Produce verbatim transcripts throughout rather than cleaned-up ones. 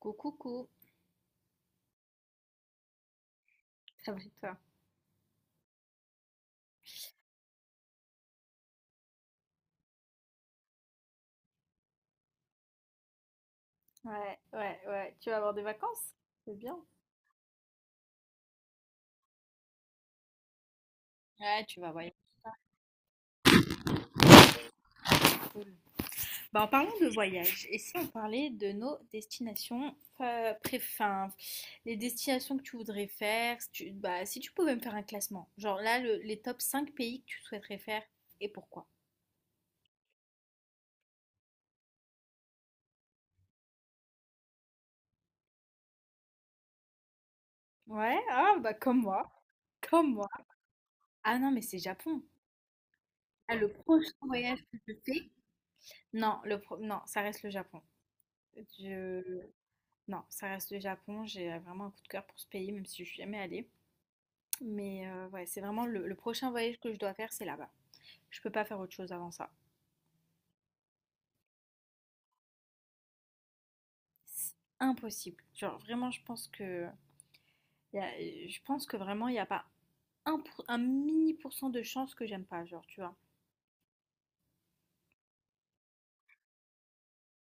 Coucou, coucou. Ça va et toi? Ouais, ouais, ouais. Tu vas avoir des vacances? C'est bien. Ouais, tu vas voyager. Bah, en parlant de voyage, et si on parlait de nos destinations euh, pré- enfin, les destinations que tu voudrais faire, si tu, bah, si tu pouvais me faire un classement, genre là, le- les top cinq pays que tu souhaiterais faire et pourquoi? Ouais, ah bah comme moi. Comme moi. Ah non, mais c'est Japon. Ah, le prochain voyage que je fais? Non, le pro- non, ça reste le Japon. Je... Non, ça reste le Japon. J'ai euh, vraiment un coup de cœur pour ce pays, même si je suis jamais allée. Mais euh, ouais, c'est vraiment le, le prochain voyage que je dois faire, c'est là-bas. Je peux pas faire autre chose avant ça. C'est impossible. Genre vraiment, je pense que y a- je pense que vraiment il n'y a pas un, pour- un mini pourcent de chance que j'aime pas, genre tu vois.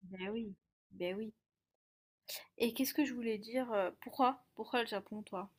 Ben oui, ben oui. Et qu'est-ce que je voulais dire? euh, Pourquoi? Pourquoi le Japon, toi?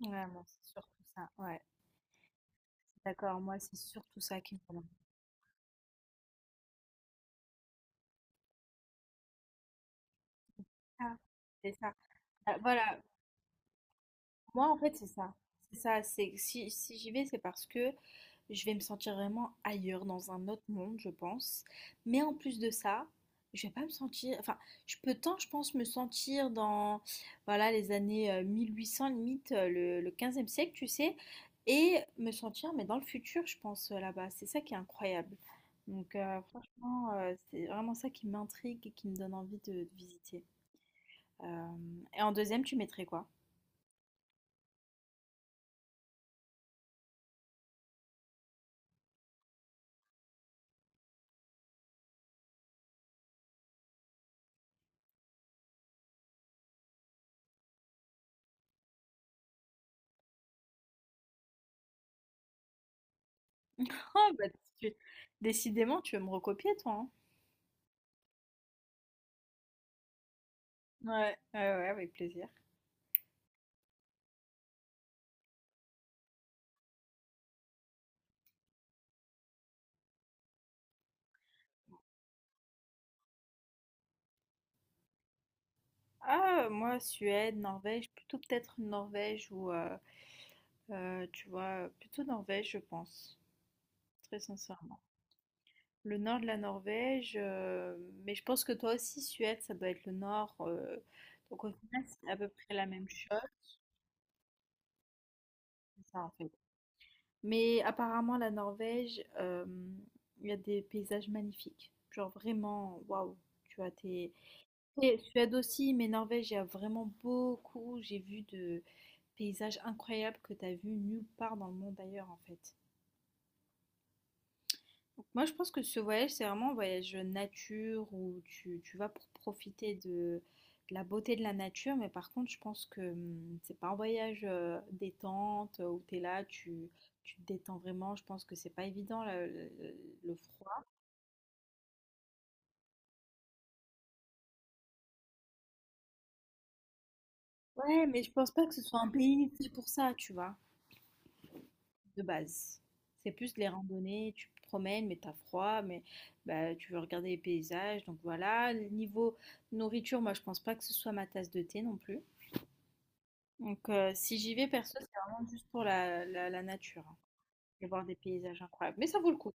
Ouais, moi, c'est surtout ça. Ouais, d'accord. Moi, c'est surtout ça qui me demande. Ah, c'est ça. Ah, voilà, moi, en fait, c'est ça. C'est ça, c'est si, si j'y vais, c'est parce que je vais me sentir vraiment ailleurs, dans un autre monde, je pense. Mais en plus de ça, je vais pas me sentir. Enfin, je peux tant, je pense, me sentir dans voilà, les années euh, mille huit cents, limite euh, le, le quinze siècle, tu sais, et me sentir, mais dans le futur, je pense, euh, là-bas. C'est ça qui est incroyable. Donc, euh, franchement, euh, c'est vraiment ça qui m'intrigue et qui me donne envie de, de visiter. Euh, et en deuxième, tu mettrais quoi? Ah bah, tu décidément, tu veux me recopier toi, hein? Ouais, ouais, ouais, avec plaisir. Ah, moi, Suède, Norvège, plutôt peut-être Norvège ou, euh, euh, tu vois, plutôt Norvège, je pense, très sincèrement. Le nord de la Norvège, euh, mais je pense que toi aussi, Suède, ça doit être le nord. Euh, donc au final, c'est à peu près la même chose. Ça en fait. Mais apparemment, la Norvège, euh, il y a des paysages magnifiques. Genre vraiment, waouh, tu as tes. Et Suède aussi, mais Norvège, il y a vraiment beaucoup. J'ai vu de paysages incroyables que tu as vu nulle part dans le monde ailleurs, en fait. Donc, moi, je pense que ce voyage, c'est vraiment un voyage nature où tu, tu vas pour profiter de, de la beauté de la nature. Mais par contre, je pense que hum, c'est pas un voyage euh, détente euh, où tu es là, tu, tu te détends vraiment. Je pense que c'est pas évident le, le- le froid. Ouais, mais je pense pas que ce soit un pays fait pour ça, tu vois, de base. C'est plus les randonnées, tu te promènes, mais t'as froid, mais bah, tu veux regarder les paysages. Donc voilà, le niveau nourriture, moi, je pense pas que ce soit ma tasse de thé non plus. Donc, euh, si j'y vais, perso, c'est vraiment juste pour la, la, la nature, hein. Je voir des paysages incroyables. Mais ça vaut le coup.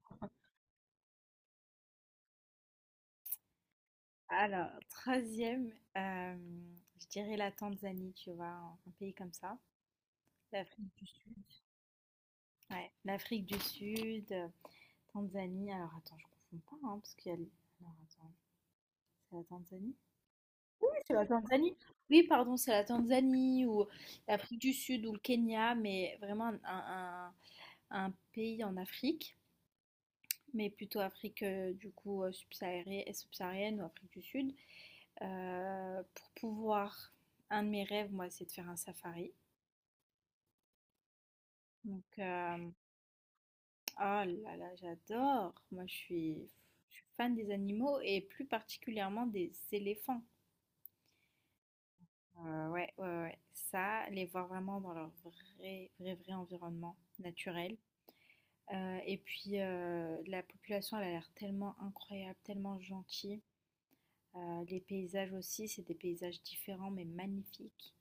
Alors, troisième, euh, je dirais la Tanzanie, tu vois, un, un pays comme ça. L'Afrique du Sud. Ouais, l'Afrique du Sud, euh, Tanzanie. Alors, attends, je confonds pas, hein, parce qu'il y a. le- Alors, attends, c'est la Tanzanie? Oui, c'est la Tanzanie. Oui, pardon, c'est la Tanzanie ou l'Afrique du Sud ou le Kenya, mais vraiment un, un un un pays en Afrique. Mais plutôt Afrique euh, du coup euh, subsaharienne, et subsaharienne ou Afrique du Sud. Euh, pour pouvoir, un de mes rêves, moi, c'est de faire un safari. Donc, euh, oh là là, j'adore. Moi, je suis, je suis fan des animaux et plus particulièrement des éléphants. Euh, ouais, ouais, ouais. Ça, les voir vraiment dans leur vrai, vrai, vrai environnement naturel. Euh, et puis, euh, la population, elle a l'air tellement incroyable, tellement gentille. Euh, les paysages aussi, c'est des paysages différents mais magnifiques.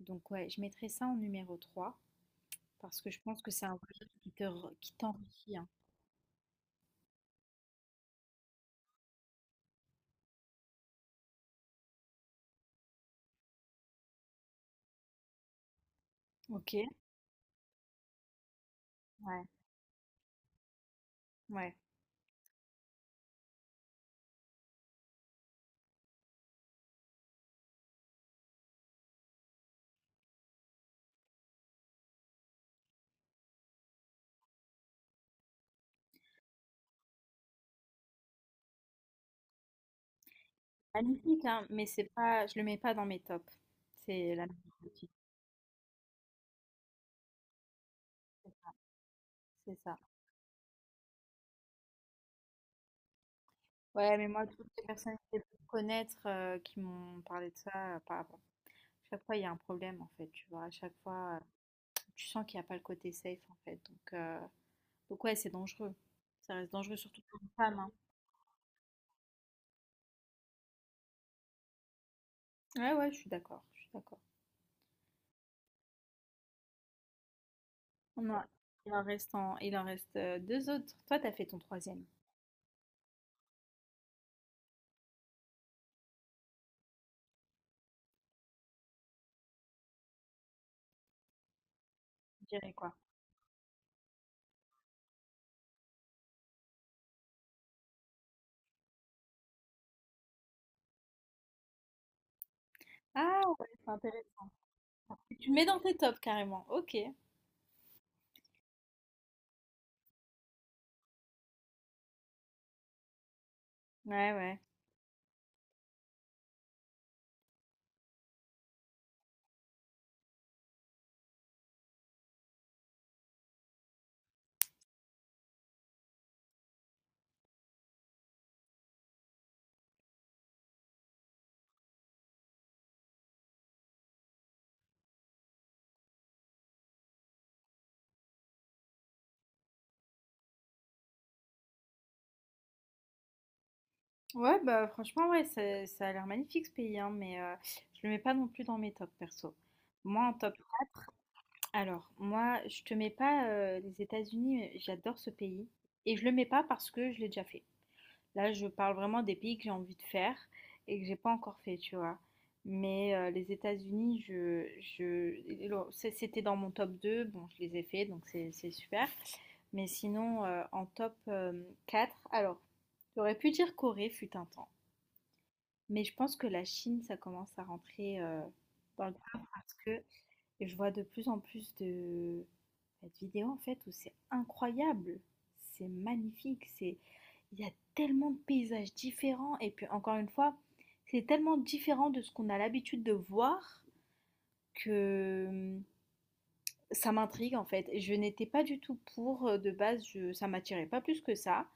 Donc ouais, je mettrai ça en numéro trois parce que je pense que c'est un voyage qui te, re- qui t'enrichit, hein. Ok, ouais, ouais. Magnifique, hein, mais c'est pas, je le mets pas dans mes tops. C'est la magnifique. C'est ça. Ouais, mais moi, toutes les personnes que j'ai pu connaître euh, qui m'ont parlé de ça, euh, pas avant. Chaque fois, il y a un problème, en fait, tu vois. À chaque fois, euh, tu sens qu'il n'y a pas le côté safe, en fait. Donc, euh, donc ouais, c'est dangereux. Ça reste dangereux, surtout pour une femme, hein. Ouais, ouais, je suis d'accord, je suis d'accord. On en- il en reste en- il en reste euh, deux autres. Toi, t'as fait ton troisième, je dirais quoi? Ah ouais, c'est intéressant. Tu le mets dans tes tops carrément. Ok. Ouais, ouais. Ouais, bah franchement, ouais, ça, ça a l'air magnifique ce pays, hein, mais euh, je le mets pas non plus dans mes tops perso. Moi en top. Alors, moi, je te mets pas euh, les États-Unis, mais j'adore ce pays. Et je le mets pas parce que je l'ai déjà fait. Là, je parle vraiment des pays que j'ai envie de faire et que j'ai pas encore fait, tu vois. Mais euh, les États-Unis, je, je, le- c'est- c'était dans mon top deux. Bon, je les ai fait, donc c'est c'est super. Mais sinon, euh, en top euh, quatre, alors, j'aurais pu dire Corée fut un temps. Mais je pense que la Chine, ça commence à rentrer euh, dans le top parce que et je vois de plus en plus de, bah, de vidéos en fait où c'est incroyable, c'est magnifique, c'est il y a tellement de paysages différents et puis encore une fois, c'est tellement différent de ce qu'on a l'habitude de voir que hum, ça m'intrigue en fait. Je n'étais pas du tout pour euh, de base, je- ça m'attirait pas plus que ça.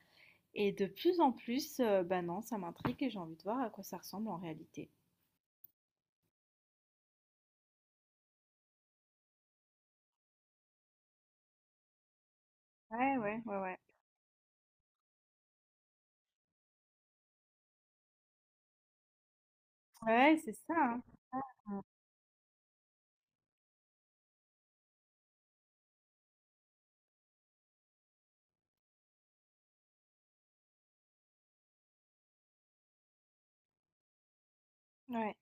Et de plus en plus, euh, bah non, ça m'intrigue et j'ai envie de voir à quoi ça ressemble en réalité. Ouais, ouais, ouais, ouais. Ouais, c'est ça, hein. Ouais.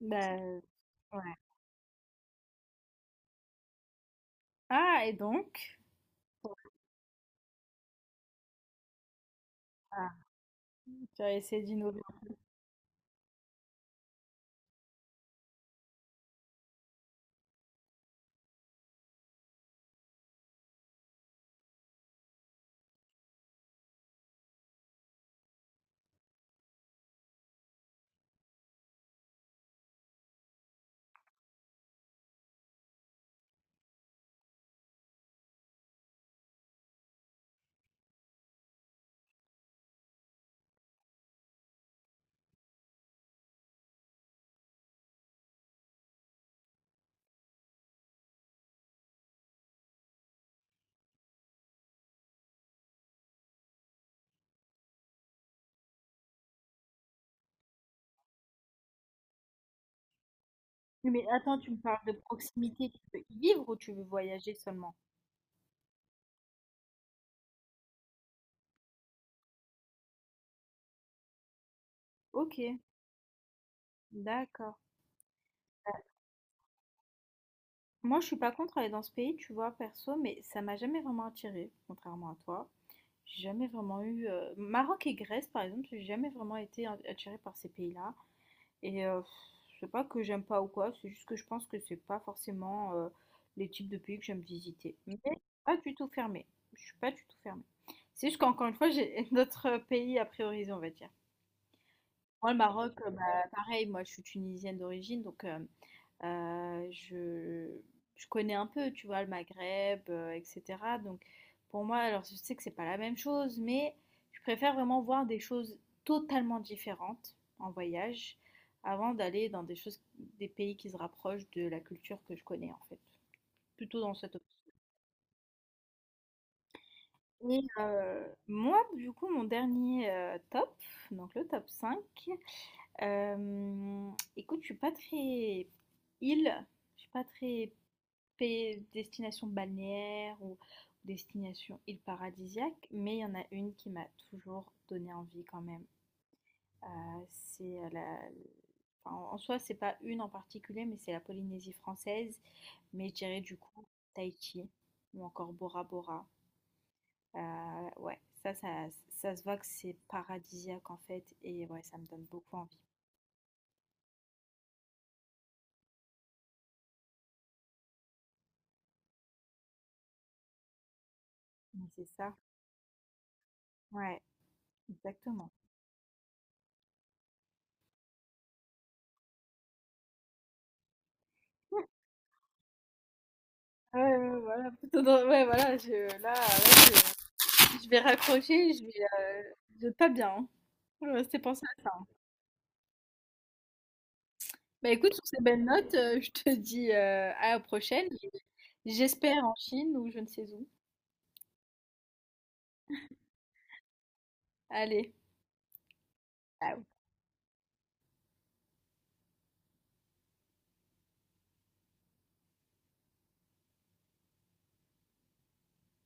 Bah, ouais. Ah, et donc? Ah, tu as essayé d'innover. Oui, mais attends, tu me parles de proximité, tu veux y vivre ou tu veux voyager seulement? Ok, d'accord. Euh, moi, je suis pas contre aller dans ce pays, tu vois, perso, mais ça m'a jamais vraiment attirée, contrairement à toi. J'ai jamais vraiment eu. euh, Maroc et Grèce, par exemple, j'ai jamais vraiment été a- attirée par ces pays-là. Et euh, pff, c'est pas que j'aime pas ou quoi, c'est juste que je pense que c'est pas forcément euh, les types de pays que j'aime visiter. Mais pas du tout fermée. Je suis pas du tout fermée. C'est juste qu'encore une fois, j'ai d'autres pays à prioriser, on va dire. Moi, le Maroc, heu, bah, pareil, moi, je suis tunisienne d'origine, donc hem, heu, je je connais un peu, tu vois? Le Maghreb, heu, et cetera, donc pour moi, alors je sais que c'est pas la même chose, mais je préfère vraiment voir des choses totalement différentes en voyage avant d'aller dans des choses des pays qui se rapprochent de la culture que je connais, en fait. Plutôt dans cette option. Et heu, moi, du coup, mon dernier, heu, top, donc le top cinq. Hem, écoute, je suis pas très île, je suis pas très pays- destination balnéaire ou destination île paradisiaque, mais il y en a une qui m'a toujours donné envie quand même. Euh, C'est euh, la... enfin, en en soi, c'est pas une en particulier, mais c'est la Polynésie française, mais je dirais du coup Tahiti ou encore Bora Bora. Euh, ouais, ça, ça, ça se voit que c'est paradisiaque en fait, et ouais, ça me donne beaucoup envie. Mais c'est ça. Ouais, exactement. Ouais, ouais, ouais, voilà, plutôt dans ouais, voilà, je là, ouais, je je vais raccrocher, je vais, heu, je vais pas bien, hein. Je vais rester penser à ça, hein. Bah, écoute, sur ces belles notes, heu, je te dis, heu, à la prochaine j'espère en Chine ou je ne sais où. Allez, ciao.